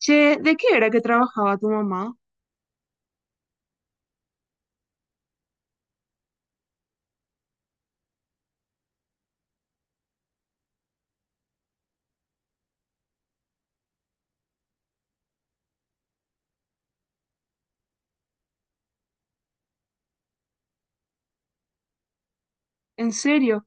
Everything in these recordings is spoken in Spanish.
Che, ¿de qué era que trabajaba tu mamá? ¿En serio?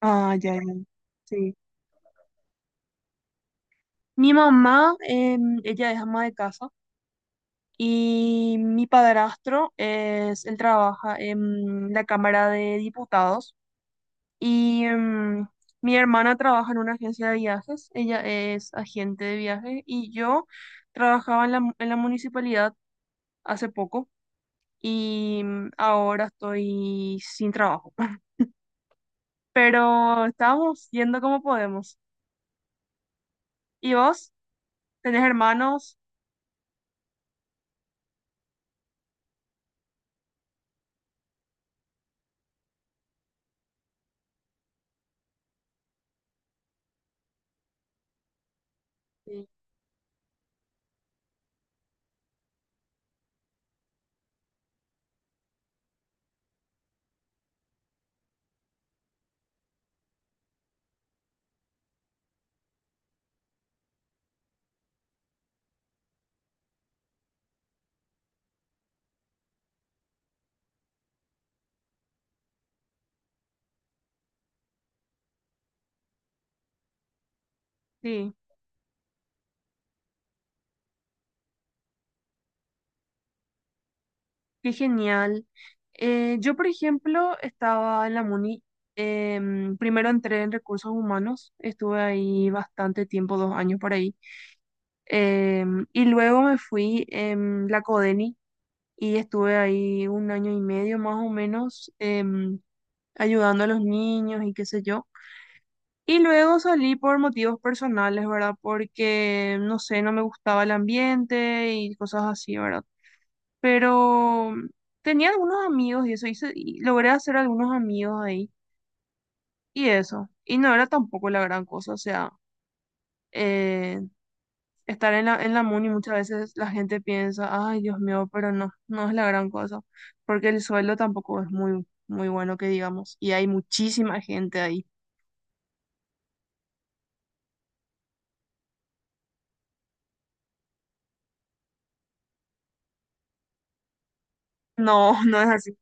Ah, ya, ya. Sí. Mi mamá, ella es ama de casa y mi padrastro es, él trabaja en la Cámara de Diputados y mi hermana trabaja en una agencia de viajes, ella es agente de viajes y yo trabajaba en la, en la municipalidad hace poco y ahora estoy sin trabajo. Pero estamos viendo cómo podemos. ¿Y vos? ¿Tenés hermanos? Sí. Sí, qué genial. Yo, por ejemplo, estaba en la MUNI. Primero entré en recursos humanos, estuve ahí bastante tiempo, dos años por ahí. Y luego me fui en la CODENI y estuve ahí un año y medio más o menos, ayudando a los niños y qué sé yo. Y luego salí por motivos personales, ¿verdad? Porque, no sé, no me gustaba el ambiente y cosas así, ¿verdad? Pero tenía algunos amigos y eso, hice, y logré hacer algunos amigos ahí y eso. Y no era tampoco la gran cosa, o sea, eh, estar en la MUNI muchas veces la gente piensa, ay, Dios mío, pero no, no es la gran cosa, porque el sueldo tampoco es muy, muy bueno que digamos, y hay muchísima gente ahí. No, no es así.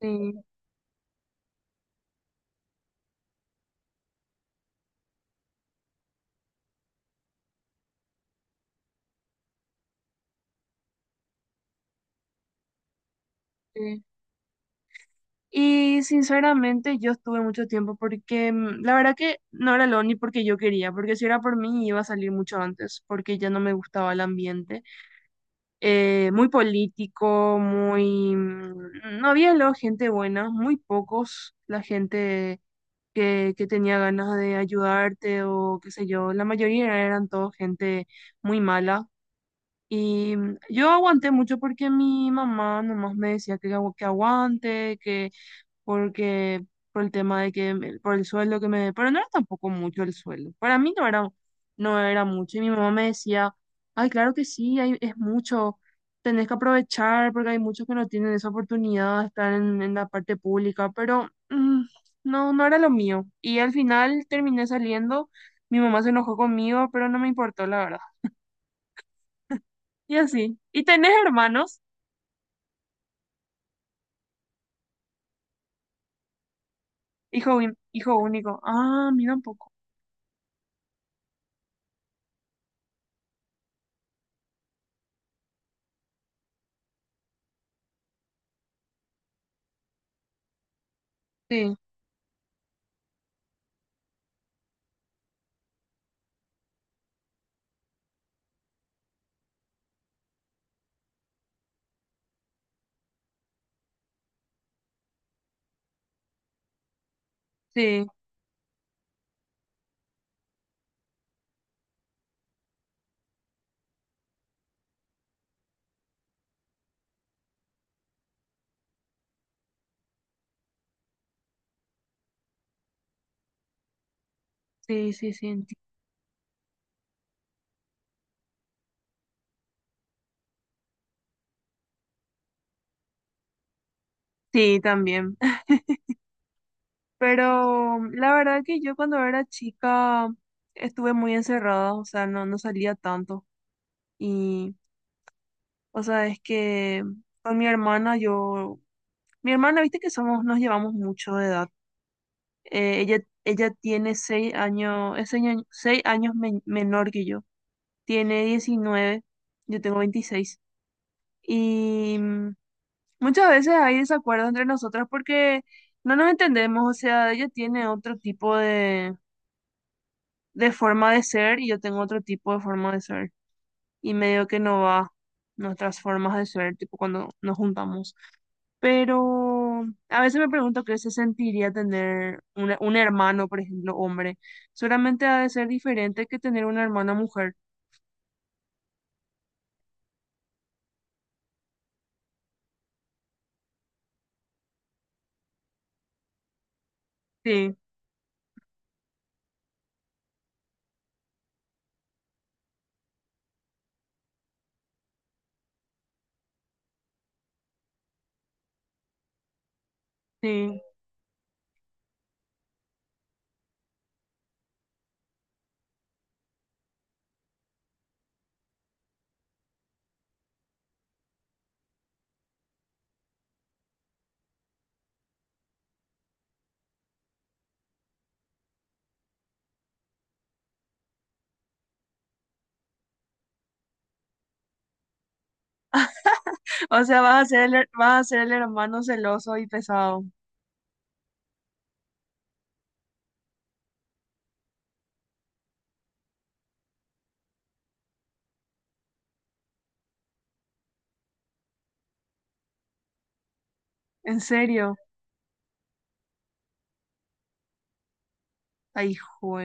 Sí, sí. Y sinceramente yo estuve mucho tiempo porque la verdad que no era lo ni porque yo quería, porque si era por mí iba a salir mucho antes, porque ya no me gustaba el ambiente. Muy político, muy... mm, no había luego gente buena, muy pocos la gente que tenía ganas de ayudarte o qué sé yo. La mayoría eran todos gente muy mala. Y yo aguanté mucho porque mi mamá nomás me decía que, que aguante, que porque por el tema de que, por el sueldo que me, pero no era tampoco mucho el sueldo, para mí no era, no era mucho, y mi mamá me decía, ay, claro que sí, hay- es mucho, tenés que aprovechar, porque hay muchos que no tienen esa oportunidad de estar en la parte pública, pero no, no era lo mío, y al final terminé saliendo, mi mamá se enojó conmigo, pero no me importó, la verdad, y así, ¿y tenés hermanos? Hijo, hijo único, ah, mira un poco, sí, sí, sí, sí, sí, sí, también. Pero la verdad que yo cuando era chica estuve muy encerrada, o sea, no, no salía tanto. Y, o sea, es que con mi hermana yo, mi hermana, viste que somos, nos llevamos mucho de edad. Ella, ella tiene seis años, es seis años menor que yo. Tiene 19, yo tengo 26. Y muchas veces hay desacuerdo entre nosotras porque no nos entendemos, o sea, ella tiene otro tipo de forma de ser y yo tengo otro tipo de forma de ser. Y medio que no va nuestras formas de ser, tipo cuando nos juntamos. Pero a veces me pregunto qué se sentiría tener un hermano, por ejemplo, hombre. Solamente ha de ser diferente que tener una hermana mujer. Sí, sí. O sea, vas a ser el, vas a ser el hermano celoso y pesado. En serio. Ay, hijo.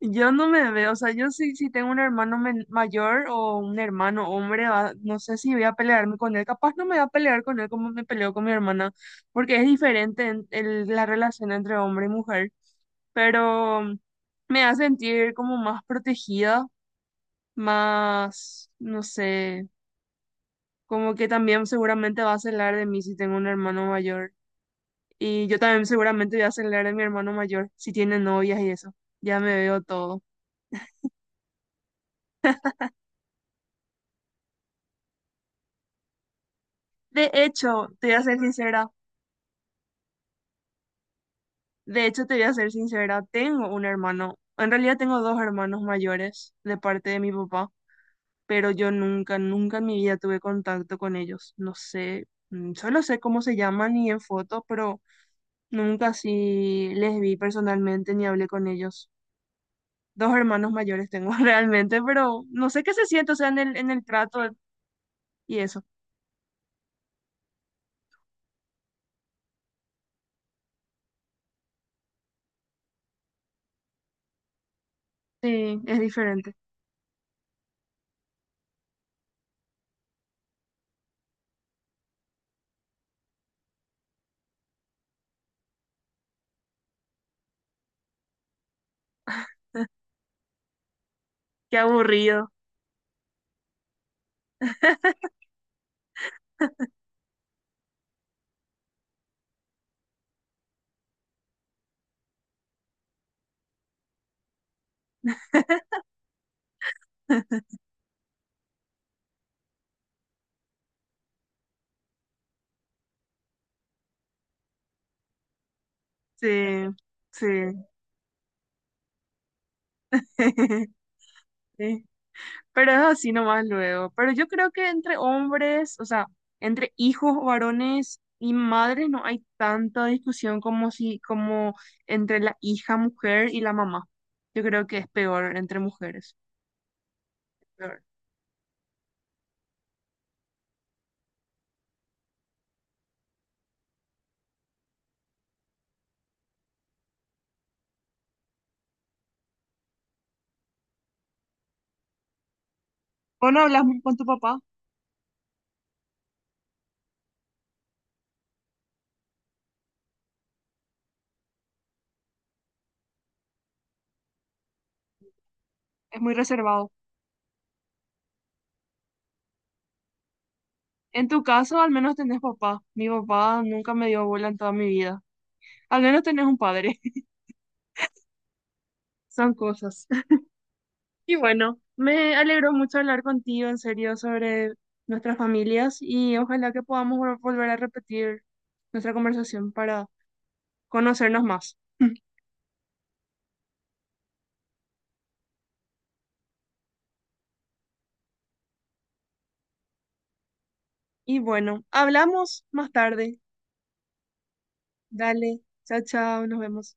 Yo no me veo, o sea, yo sí, si tengo un hermano mayor o un hermano hombre, no sé si voy a pelearme con él, capaz no me voy a pelear con él como me peleo con mi hermana, porque es diferente la relación entre hombre y mujer, pero me hace sentir como más protegida, más, no sé, como que también seguramente va a celar de mí si tengo un hermano mayor, y yo también seguramente voy a celar de mi hermano mayor si tiene novias y eso, ya me veo todo. De hecho, te voy a ser sincera, de hecho te voy a ser sincera, tengo un hermano, en realidad tengo dos hermanos mayores de parte de mi papá, pero yo nunca, nunca en mi vida tuve contacto con ellos. No sé, solo sé cómo se llaman y en fotos, pero nunca sí les vi personalmente ni hablé con ellos. Dos hermanos mayores tengo, realmente, pero no sé qué se siente, o sea, en el trato y eso. Sí, es diferente. Qué aburrido. Sí, sí. Sí. Pero es así nomás luego. Pero yo creo que entre hombres, o sea, entre hijos varones y madres no hay tanta discusión como si, como entre la hija mujer y la mamá. Yo creo que es peor entre mujeres. Peor. Vos no hablas con tu papá, es muy reservado. En tu caso, al menos tenés papá. Mi papá nunca me dio bola en toda mi vida. Al menos tenés un padre. Son cosas. Y bueno, me alegró mucho hablar contigo en serio sobre nuestras familias y ojalá que podamos volver a repetir nuestra conversación para conocernos más. Y bueno, hablamos más tarde. Dale, chao, chao, nos vemos.